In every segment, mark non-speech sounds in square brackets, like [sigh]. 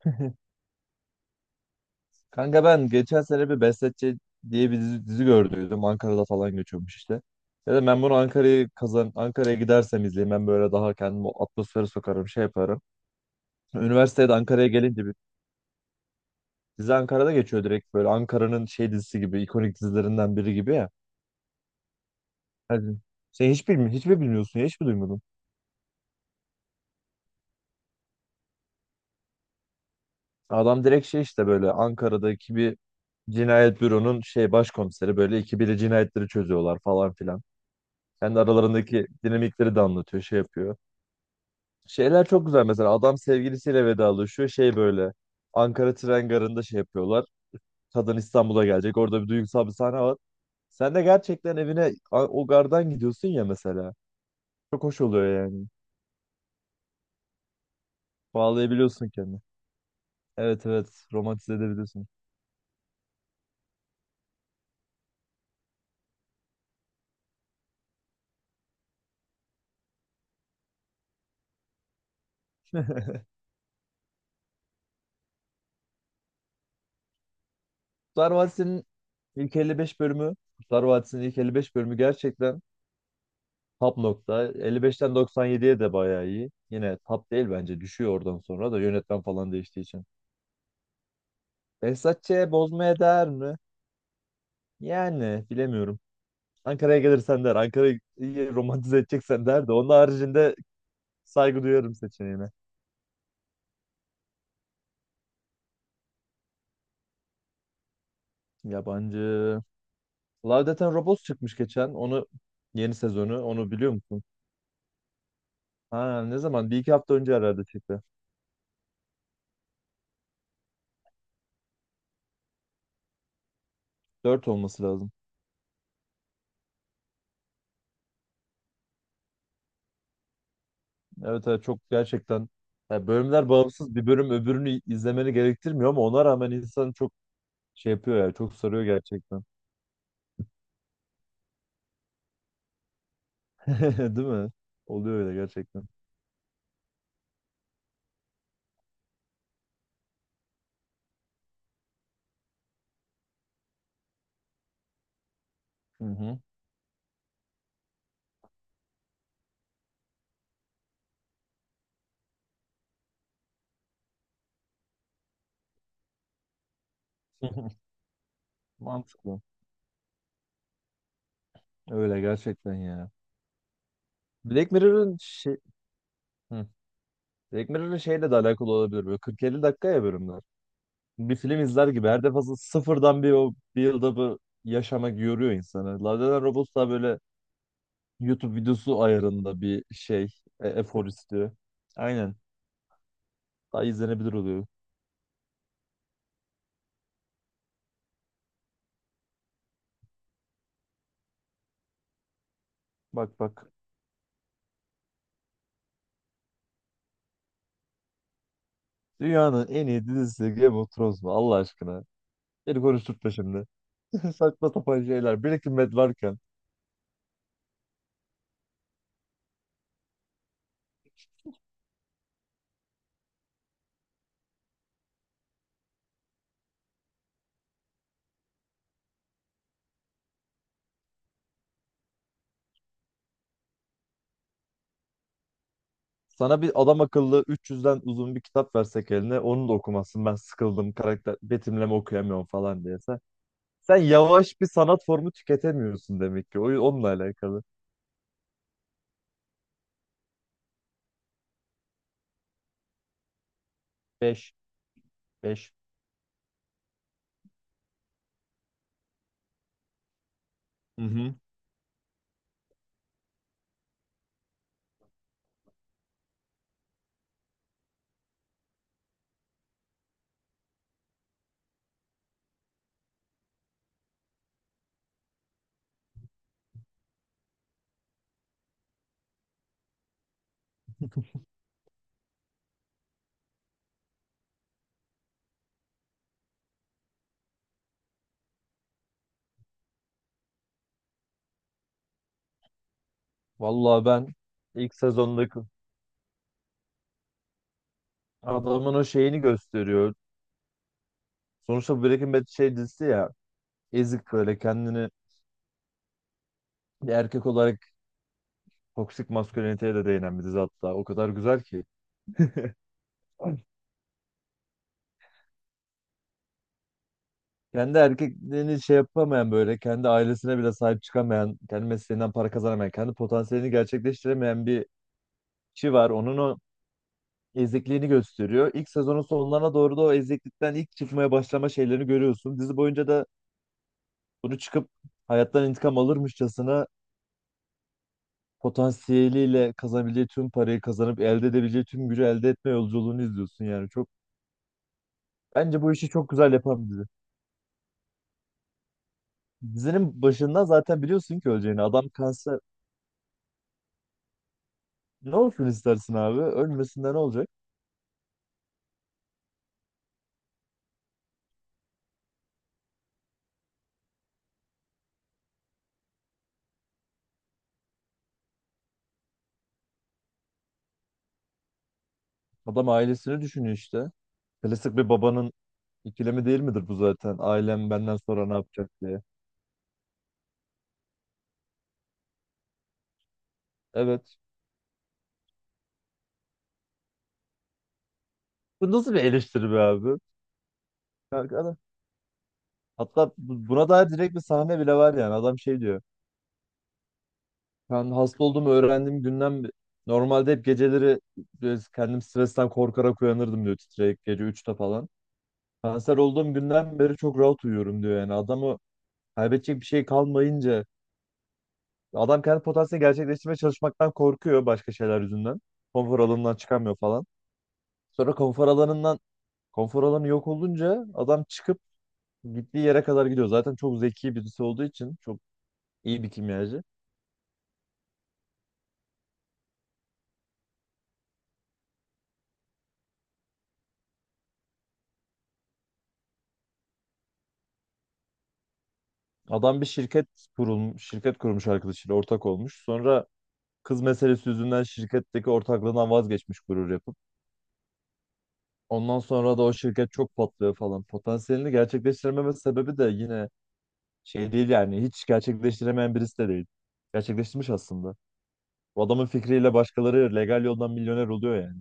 [laughs] Kanka ben geçen sene bir Besletçe diye bir dizi gördüydüm. Ankara'da falan geçiyormuş işte. Dedim ben bunu Ankara'yı kazan Ankara'ya gidersem izleyeyim. Ben böyle daha kendimi o atmosfere sokarım, şey yaparım. Üniversitede Ankara'ya gelince bir dizi Ankara'da geçiyor, direkt böyle Ankara'nın şey dizisi gibi, ikonik dizilerinden biri gibi ya. Hadi. Sen hiç mi bilmiyorsun ya, hiç mi duymadın? Adam direkt şey işte böyle Ankara'daki bir cinayet büronun şey başkomiseri, böyle ikibiri cinayetleri çözüyorlar falan filan. Kendi aralarındaki dinamikleri de anlatıyor, şey yapıyor. Şeyler çok güzel, mesela adam sevgilisiyle vedalaşıyor. Şey böyle Ankara tren garında şey yapıyorlar. Kadın İstanbul'a gelecek. Orada bir duygusal bir sahne var. Sen de gerçekten evine o gardan gidiyorsun ya mesela. Çok hoş oluyor yani. Bağlayabiliyorsun kendini. Evet, evet, romantize edebiliyorsun. Kurtlar Vadisi'nin ilk 55 bölümü, Kurtlar Vadisi'nin ilk 55 bölümü gerçekten top nokta. 55'ten 97'ye de bayağı iyi. Yine top değil bence, düşüyor oradan sonra da yönetmen falan değiştiği için. Behzatçı'ya bozmaya değer mi? Yani bilemiyorum. Ankara'ya gelirsen der, Ankara'yı iyi romantize edeceksen der, de onun haricinde saygı duyarım seçeneğine. Yabancı. Love, Death and Robots çıkmış geçen. Onu, yeni sezonu, onu biliyor musun? Ha, ne zaman? Bir iki hafta önce herhalde çıktı. Dört olması lazım. Evet, evet, çok gerçekten ya, bölümler bağımsız, bir bölüm öbürünü izlemeni gerektirmiyor ama ona rağmen insan çok şey yapıyor ya, çok sarıyor gerçekten. [laughs] Değil mi? Oluyor öyle gerçekten. Hı hı. [laughs] Mantıklı. Öyle gerçekten ya. Black Mirror'ın şey. Hı. Black Mirror'ın şeyle de alakalı olabilir, böyle 40-50 dakika ya bölümler. Bir film izler gibi her defasında sıfırdan bir o bir yılda bu yaşamak yoruyor insanı. Love Death and Robots daha böyle YouTube videosu ayarında bir şey, efor istiyor. Aynen. Daha izlenebilir oluyor. Bak bak. Dünyanın en iyi dizisi Game of Thrones mu? Allah aşkına. Beni konuşturtma şimdi. [laughs] Saçma sapan şeyler. Breaking Bad varken sana bir adam akıllı 300'den uzun bir kitap versek eline onu da okumazsın. Ben sıkıldım, karakter betimleme okuyamıyorum falan diyese. Sen yavaş bir sanat formu tüketemiyorsun demek ki. O onunla alakalı. Beş, beş. Hı hı. Vallahi ben ilk sezondaki adamın o şeyini gösteriyor. Sonuçta Breaking Bad şey dizisi ya. Ezik, böyle kendini, bir erkek olarak toksik masküliniteye de değinen bir dizi hatta. O kadar güzel ki. Kendi erkekliğini şey yapamayan, böyle kendi ailesine bile sahip çıkamayan, kendi mesleğinden para kazanamayan, kendi potansiyelini gerçekleştiremeyen bir kişi var. Onun o ezikliğini gösteriyor. İlk sezonun sonlarına doğru da o eziklikten ilk çıkmaya başlama şeylerini görüyorsun. Dizi boyunca da bunu çıkıp hayattan intikam alırmışçasına potansiyeliyle kazanabileceği tüm parayı kazanıp elde edebileceği tüm gücü elde etme yolculuğunu izliyorsun yani. Çok. Bence bu işi çok güzel yapan bir dizi. Dizinin başından zaten biliyorsun ki öleceğini. Adam kanser. Ne olsun istersin abi? Ölmesinde ne olacak? Adam ailesini düşünüyor işte. Klasik bir babanın ikilemi değil midir bu zaten? Ailem benden sonra ne yapacak diye. Evet. Bu nasıl bir eleştiri be abi? Kanka hatta buna dair direkt bir sahne bile var yani. Adam şey diyor. Ben hasta olduğumu öğrendiğim günden normalde hep geceleri böyle kendim stresten korkarak uyanırdım diyor, titreyip gece 3'te falan. Kanser olduğum günden beri çok rahat uyuyorum diyor yani. Adam, kaybedecek bir şey kalmayınca adam kendi potansiyelini gerçekleştirmeye çalışmaktan korkuyor başka şeyler yüzünden. Konfor alanından çıkamıyor falan. Sonra konfor alanı yok olunca adam çıkıp gittiği yere kadar gidiyor. Zaten çok zeki birisi olduğu için çok iyi bir kimyacı. Adam bir şirket kurmuş, arkadaşıyla ortak olmuş. Sonra kız meselesi yüzünden şirketteki ortaklığından vazgeçmiş gurur yapıp. Ondan sonra da o şirket çok patlıyor falan. Potansiyelini gerçekleştirememe sebebi de yine şey değil yani, hiç gerçekleştiremeyen birisi de değil. Gerçekleştirmiş aslında. Bu adamın fikriyle başkaları legal yoldan milyoner oluyor yani.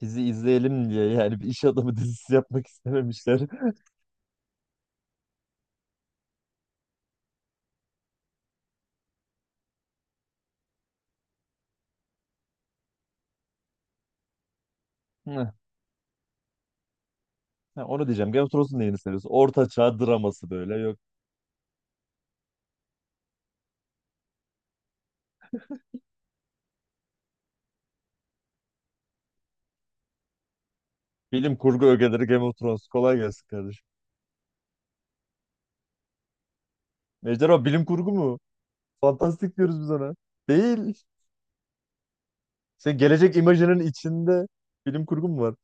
Bizi izleyelim diye yani, bir iş adamı [laughs] dizisi yapmak istememişler. [laughs] Hı, ha, onu diyeceğim. Game of Thrones'un neyini seviyorsun? Orta çağ draması böyle. Yok. Bilim kurgu ögeleri Game of Thrones. Kolay gelsin kardeşim. Ejderha bilim kurgu mu? Fantastik diyoruz biz ona. Değil. Sen gelecek imajının içinde bilim kurgu mu var?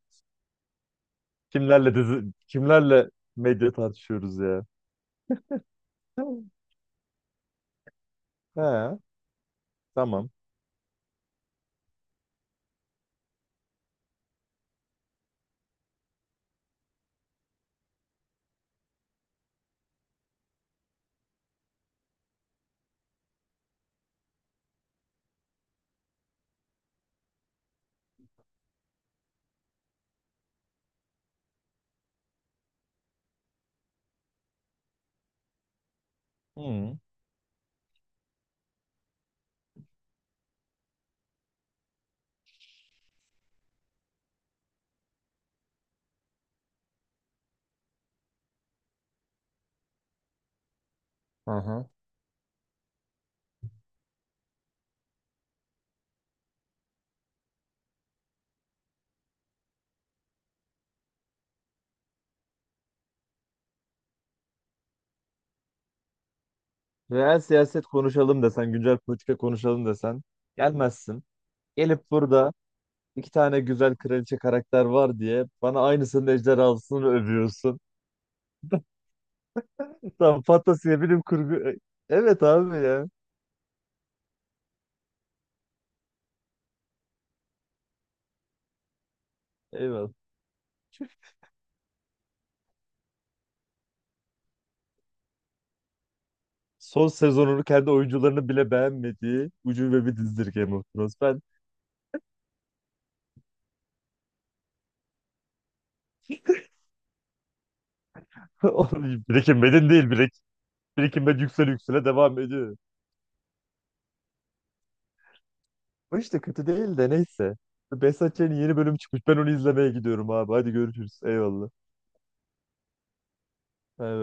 Kimlerle dizi, kimlerle medya tartışıyoruz ya? [laughs] He, tamam. Hı. Aha. Reel siyaset konuşalım desen, güncel politika konuşalım desen gelmezsin. Gelip burada iki tane güzel kraliçe karakter var diye bana aynısının ejderhasını övüyorsun. [laughs] Tamam, fantasiye bilim kurgu. Evet abi ya. Eyvallah. Son sezonunu kendi oyuncularını bile beğenmediği ucube bir dizidir Game of Thrones. Ben [laughs] onu, Breaking Bad'in değil, Breaking Bad yüksele devam ediyor. Bu işte kötü değil de neyse. Behzat Ç'nin yeni bölüm çıkmış. Ben onu izlemeye gidiyorum abi. Hadi görüşürüz. Eyvallah. Evet.